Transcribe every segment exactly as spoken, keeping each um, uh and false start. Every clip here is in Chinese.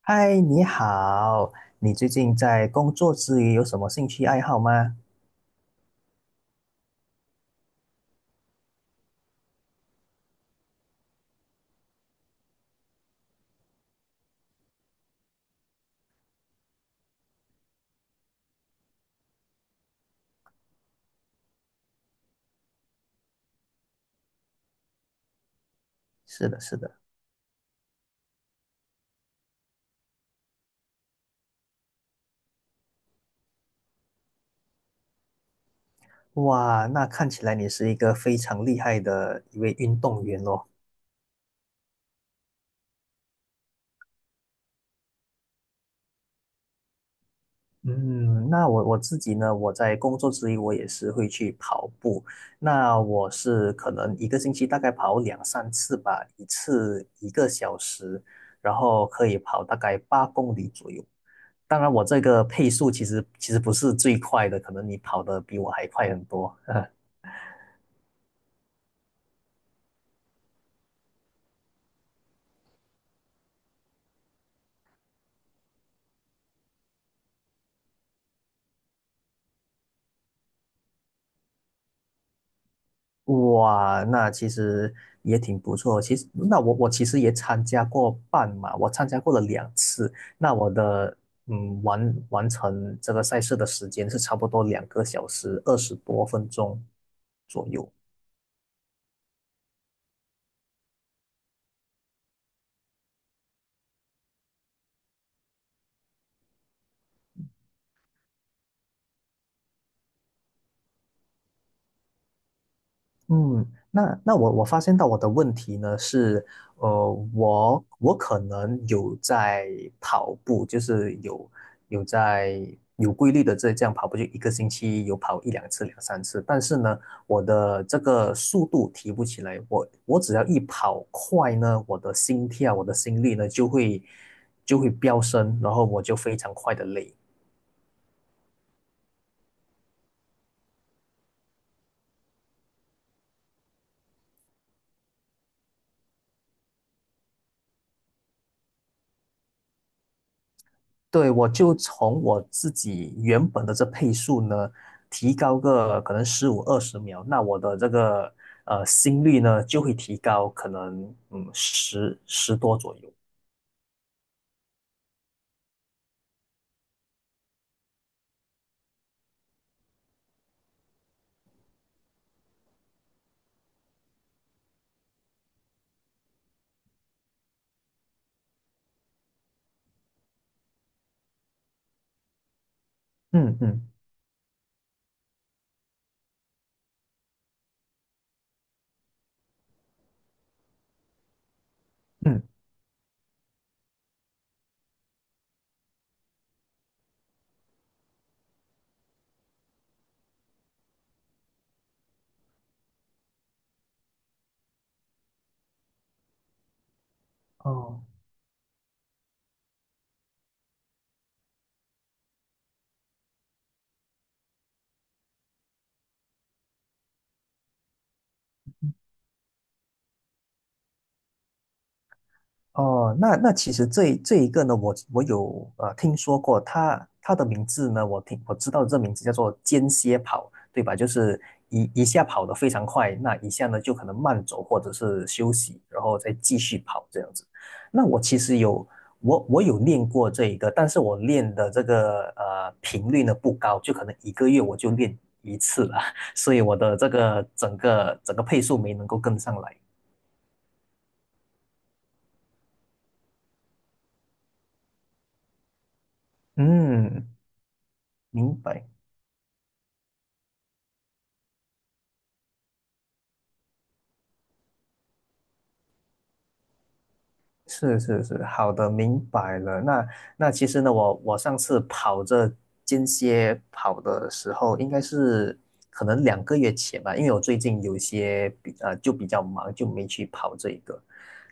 嗨，你好，你最近在工作之余有什么兴趣爱好吗？是的，是的。哇，那看起来你是一个非常厉害的一位运动员咯。嗯，那我我自己呢，我在工作之余我也是会去跑步。那我是可能一个星期大概跑两三次吧，一次一个小时，然后可以跑大概八公里左右。当然，我这个配速其实其实不是最快的，可能你跑得比我还快很多。哇，那其实也挺不错。其实，那我我其实也参加过半马，我参加过了两次。那我的嗯完完成这个赛事的时间是差不多两个小时二十多分钟左右。嗯，那那我我发现到我的问题呢是，呃，我我可能有在跑步，就是有有在有规律的这这样跑步，就一个星期有跑一两次、两三次，但是呢，我的这个速度提不起来，我我只要一跑快呢，我的心跳、我的心率呢就会就会飙升，然后我就非常快的累。对，我就从我自己原本的这配速呢，提高个可能十五二十秒，那我的这个呃心率呢就会提高，可能嗯十十多左右。嗯嗯嗯，哦，哦，那那其实这一这一个呢，我我有呃听说过他他的名字呢，我听我知道这名字叫做间歇跑，对吧？就是一一下跑得非常快，那一下呢就可能慢走或者是休息，然后再继续跑这样子。那我其实有我我有练过这一个，但是我练的这个呃频率呢不高，就可能一个月我就练一次了，所以我的这个整个整个配速没能够跟上来。嗯，明白。是是是，好的，明白了。那那其实呢，我我上次跑这间歇跑的时候，应该是可能两个月前吧，因为我最近有些比呃就比较忙，就没去跑这一个。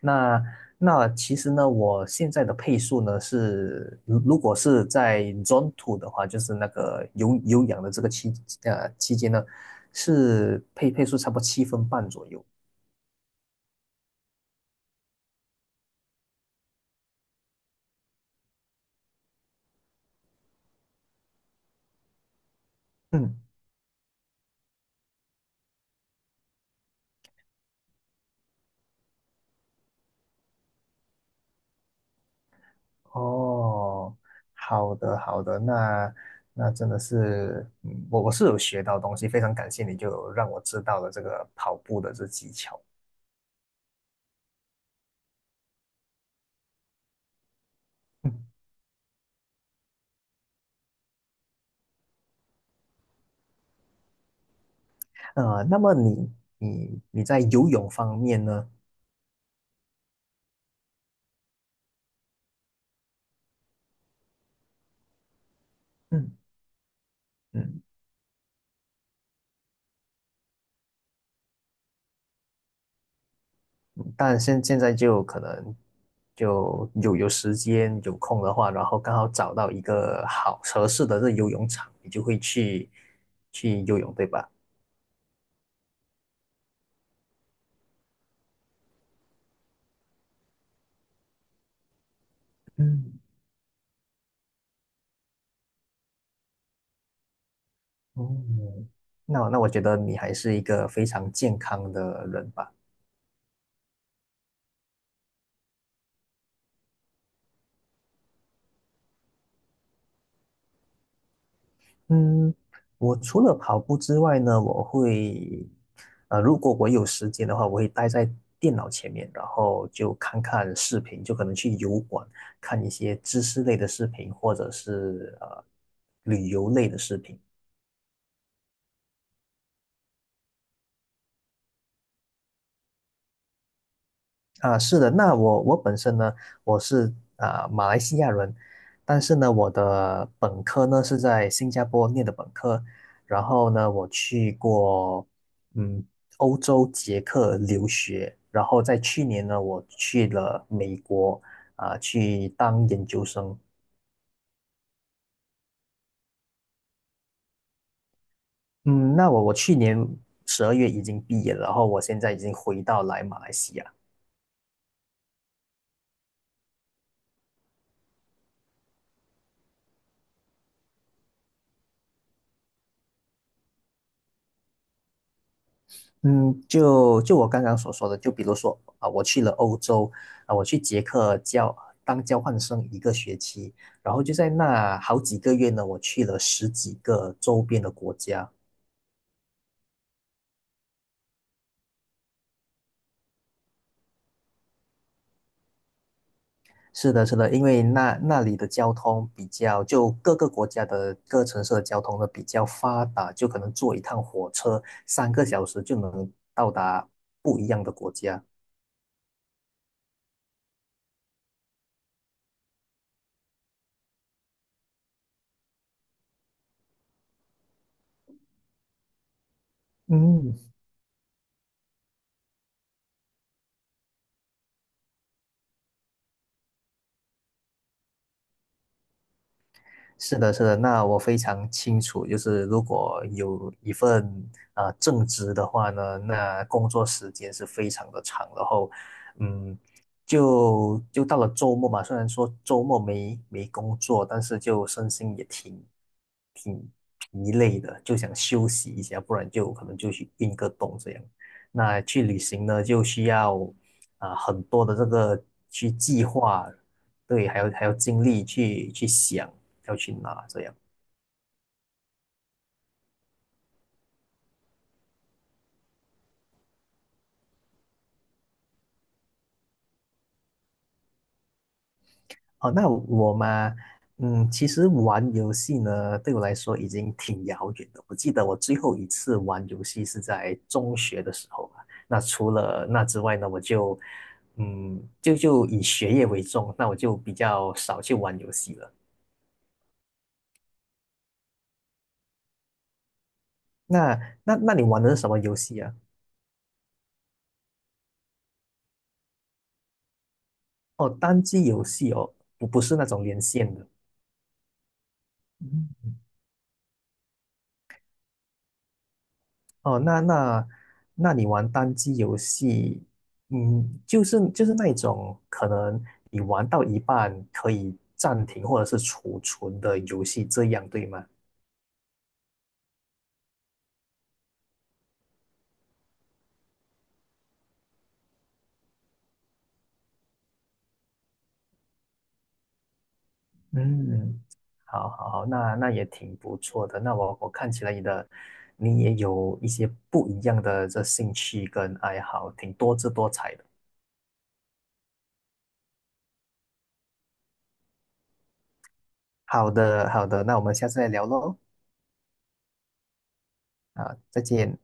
那那其实呢，我现在的配速呢是，如如果是在 Zone Two 的话，就是那个有有氧的这个期呃期间呢，是配配速差不多七分半左右。嗯。哦，好的好的，那那真的是，嗯我我是有学到东西，非常感谢你就有让我知道了这个跑步的这技巧。嗯，呃，那么你你你在游泳方面呢？嗯。嗯，但现现在就可能就有有时间有空的话，然后刚好找到一个好合适的这游泳场，你就会去去游泳，对吧？嗯哦，那那我觉得你还是一个非常健康的人吧。嗯，我除了跑步之外呢，我会，呃，如果我有时间的话，我会待在电脑前面，然后就看看视频，就可能去油管看一些知识类的视频，或者是呃旅游类的视频。啊，是的，那我我本身呢，我是啊马来西亚人，但是呢，我的本科呢是在新加坡念的本科，然后呢，我去过嗯欧洲捷克留学，然后在去年呢，我去了美国啊去当研究生。嗯，那我我去年十二月已经毕业了，然后我现在已经回到来马来西亚。嗯，就就我刚刚所说的，就比如说啊，我去了欧洲啊，我去捷克交当交换生一个学期，然后就在那好几个月呢，我去了十几个周边的国家。是的，是的，因为那那里的交通比较，就各个国家的各城市的交通呢比较发达，就可能坐一趟火车三个小时就能到达不一样的国家。嗯，是的，是的，那我非常清楚，就是如果有一份啊正职的话呢，那工作时间是非常的长，然后，嗯，就就到了周末嘛，虽然说周末没没工作，但是就身心也挺挺疲累的，就想休息一下，不然就可能就去运个动这样。那去旅行呢，就需要啊、很多的这个去计划，对，还有还有精力去去想。要去哪这样。哦，那我嘛，嗯，其实玩游戏呢，对我来说已经挺遥远的。我记得我最后一次玩游戏是在中学的时候吧。那除了那之外呢，我就，嗯，就就以学业为重，那我就比较少去玩游戏了。那那那你玩的是什么游戏啊？哦，单机游戏哦，不不是那种连线的。哦，那那那你玩单机游戏，嗯，就是就是那一种可能你玩到一半可以暂停或者是储存的游戏，这样对吗？嗯，好好好，那那也挺不错的。那我我看起来你的你也有一些不一样的这兴趣跟爱好，挺多姿多彩的。好的好的，那我们下次再聊喽。啊，再见。